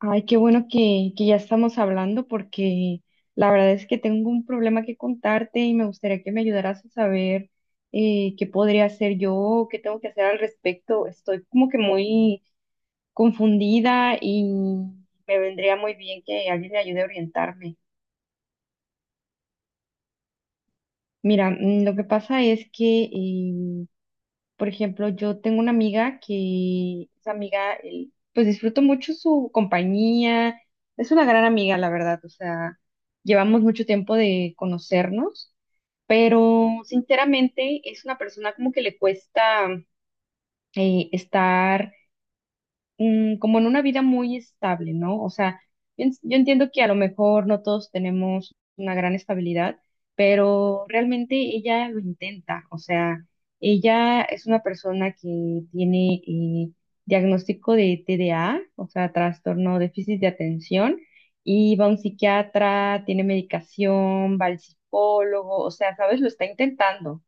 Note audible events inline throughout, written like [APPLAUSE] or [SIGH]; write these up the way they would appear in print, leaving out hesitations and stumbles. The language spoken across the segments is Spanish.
Ay, qué bueno que ya estamos hablando porque la verdad es que tengo un problema que contarte y me gustaría que me ayudaras a saber qué podría hacer yo, qué tengo que hacer al respecto. Estoy como que muy confundida y me vendría muy bien que alguien me ayude a orientarme. Mira, mm, lo que pasa es que. Por ejemplo, yo tengo una amiga que, esa amiga, pues disfruto mucho su compañía, es una gran amiga, la verdad, o sea, llevamos mucho tiempo de conocernos, pero sinceramente es una persona como que le cuesta estar mm, como en una vida muy estable, ¿no? O sea, yo entiendo que a lo mejor no todos tenemos una gran estabilidad, pero realmente ella lo intenta, o sea, ella es una persona que tiene diagnóstico de TDA, o sea, trastorno déficit de atención, y va a un psiquiatra, tiene medicación, va al psicólogo, o sea, ¿sabes? Lo está intentando,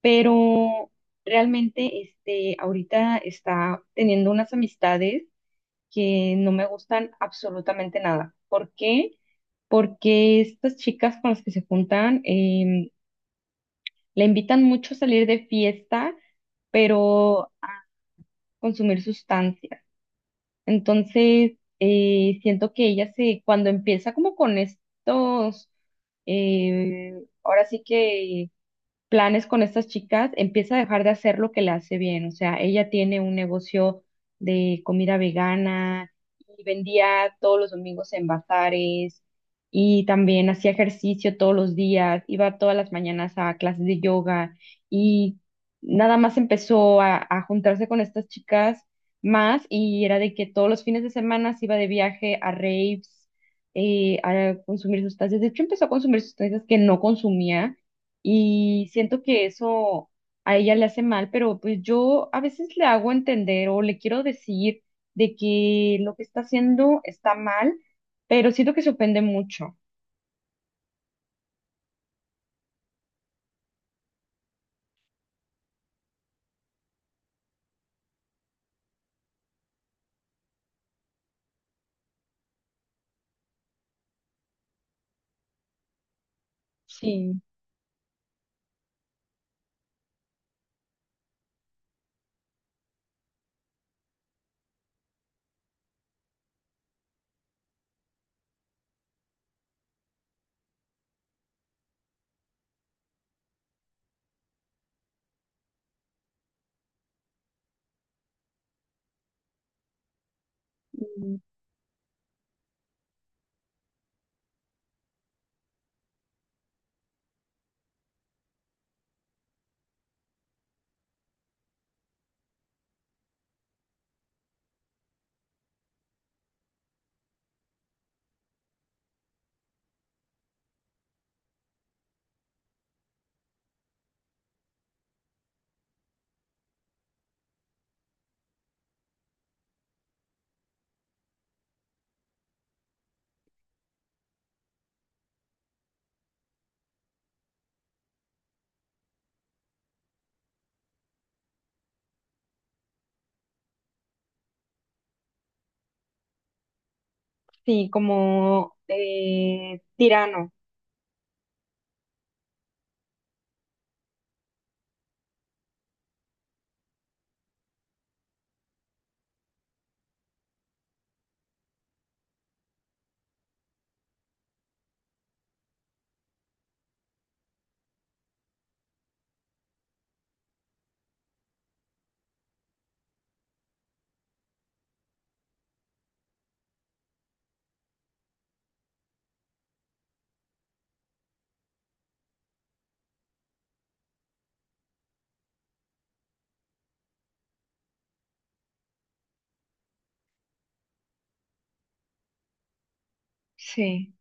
pero realmente este ahorita está teniendo unas amistades que no me gustan absolutamente nada. ¿Por qué? Porque estas chicas con las que se juntan la invitan mucho a salir de fiesta, pero a consumir sustancias. Entonces, siento que ella se, cuando empieza como con eh, ahora sí que planes con estas chicas, empieza a dejar de hacer lo que le hace bien. O sea, ella tiene un negocio de comida vegana y vendía todos los domingos en bazares y también hacía ejercicio todos los días, iba todas las mañanas a clases de yoga y nada más empezó a juntarse con estas chicas más y era de que todos los fines de semana se iba de viaje a raves. A consumir sustancias. De hecho, empezó a consumir sustancias que no consumía y siento que eso a ella le hace mal, pero pues yo a veces le hago entender o le quiero decir de que lo que está haciendo está mal, pero siento que se ofende mucho. Sí, mm, sí, como tirano. Sí.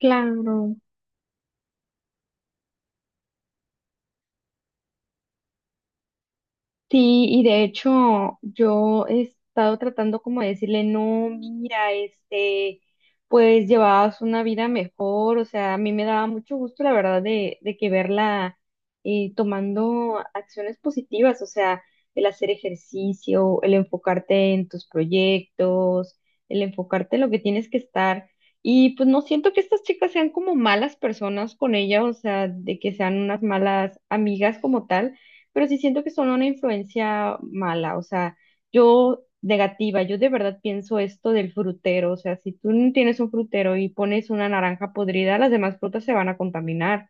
Claro. Sí, y de hecho yo he estado tratando como de decirle, no, mira, este, pues llevabas una vida mejor, o sea, a mí me daba mucho gusto, la verdad, de que verla tomando acciones positivas, o sea, el hacer ejercicio, el enfocarte en tus proyectos, el enfocarte en lo que tienes que estar. Y pues no siento que estas chicas sean como malas personas con ella, o sea, de que sean unas malas amigas como tal, pero sí siento que son una influencia mala, o sea, yo negativa, yo de verdad pienso esto del frutero, o sea, si tú no tienes un frutero y pones una naranja podrida, las demás frutas se van a contaminar.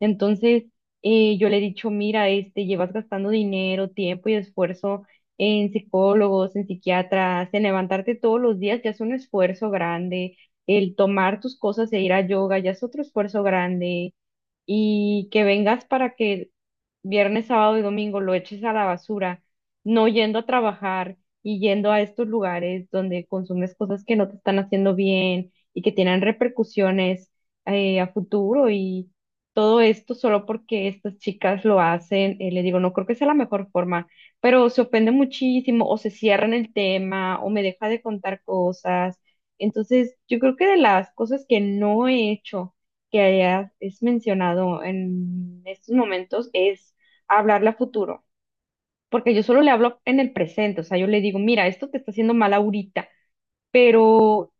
Entonces, yo le he dicho, mira, este, llevas gastando dinero, tiempo y esfuerzo en psicólogos, en psiquiatras, en levantarte todos los días, ya es un esfuerzo grande. El tomar tus cosas e ir a yoga ya es otro esfuerzo grande y que vengas para que viernes, sábado y domingo lo eches a la basura, no yendo a trabajar y yendo a estos lugares donde consumes cosas que no te están haciendo bien y que tienen repercusiones a futuro y todo esto solo porque estas chicas lo hacen, le digo, no creo que sea la mejor forma, pero se ofende muchísimo o se cierran el tema o me deja de contar cosas. Entonces, yo creo que de las cosas que no he hecho, que hayas es mencionado en estos momentos es hablarle a futuro, porque yo solo le hablo en el presente, o sea, yo le digo, mira, esto te está haciendo mal ahorita, pero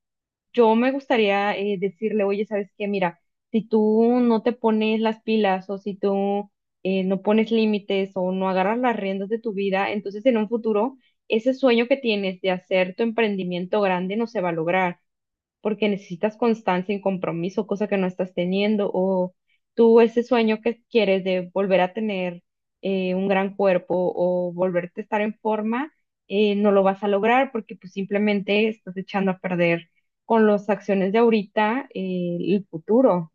yo me gustaría decirle, oye, ¿sabes qué? Mira, si tú no te pones las pilas o si tú no pones límites o no agarras las riendas de tu vida, entonces en un futuro ese sueño que tienes de hacer tu emprendimiento grande no se va a lograr porque necesitas constancia y compromiso, cosa que no estás teniendo, o tú ese sueño que quieres de volver a tener un gran cuerpo o volverte a estar en forma, no lo vas a lograr porque pues simplemente estás echando a perder con las acciones de ahorita, el futuro.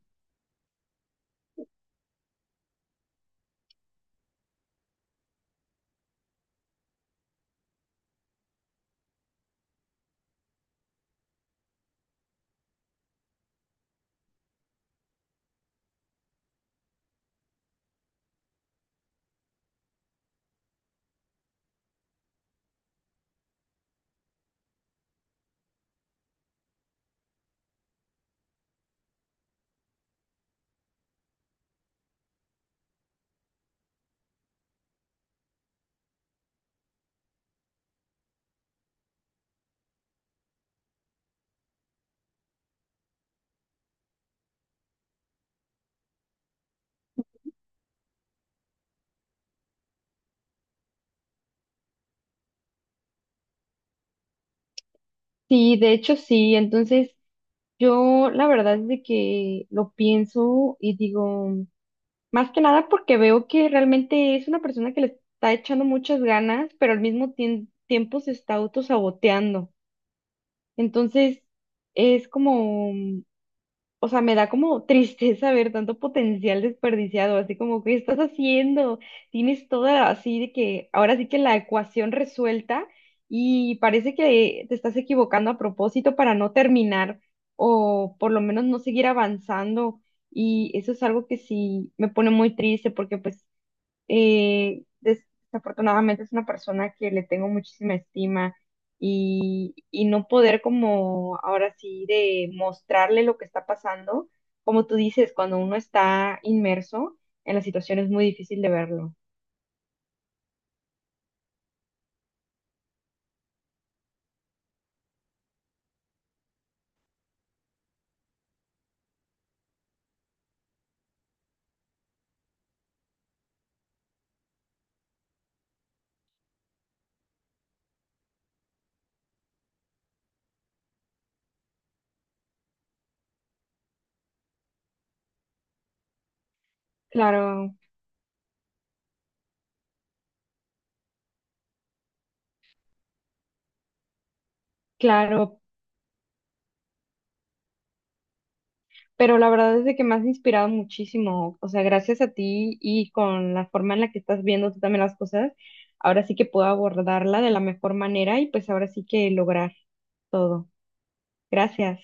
Sí, de hecho sí, entonces yo la verdad es de que lo pienso y digo... Más que nada porque veo que realmente es una persona que le está echando muchas ganas, pero al mismo tiempo se está autosaboteando. Entonces, es como, mm, o sea, me da como [LAUGHS] tristeza ver tanto potencial desperdiciado, así como, ¿qué estás haciendo? Tienes toda así de que ahora sí que la ecuación resuelta y parece que te estás equivocando a propósito para no terminar o por lo menos no seguir avanzando. Y eso es algo que sí me pone muy triste porque pues eh, des- desafortunadamente es una persona que le tengo muchísima estima y no poder como ahora sí de mostrarle lo que está pasando, como tú dices, cuando uno está inmerso en la situación es muy difícil de verlo. Claro, claro, pero la verdad es de que me has inspirado muchísimo, o sea, gracias a ti y con la forma en la que estás viendo tú también las cosas, ahora sí que puedo abordarla de la mejor manera y pues ahora sí que lograr todo. Gracias.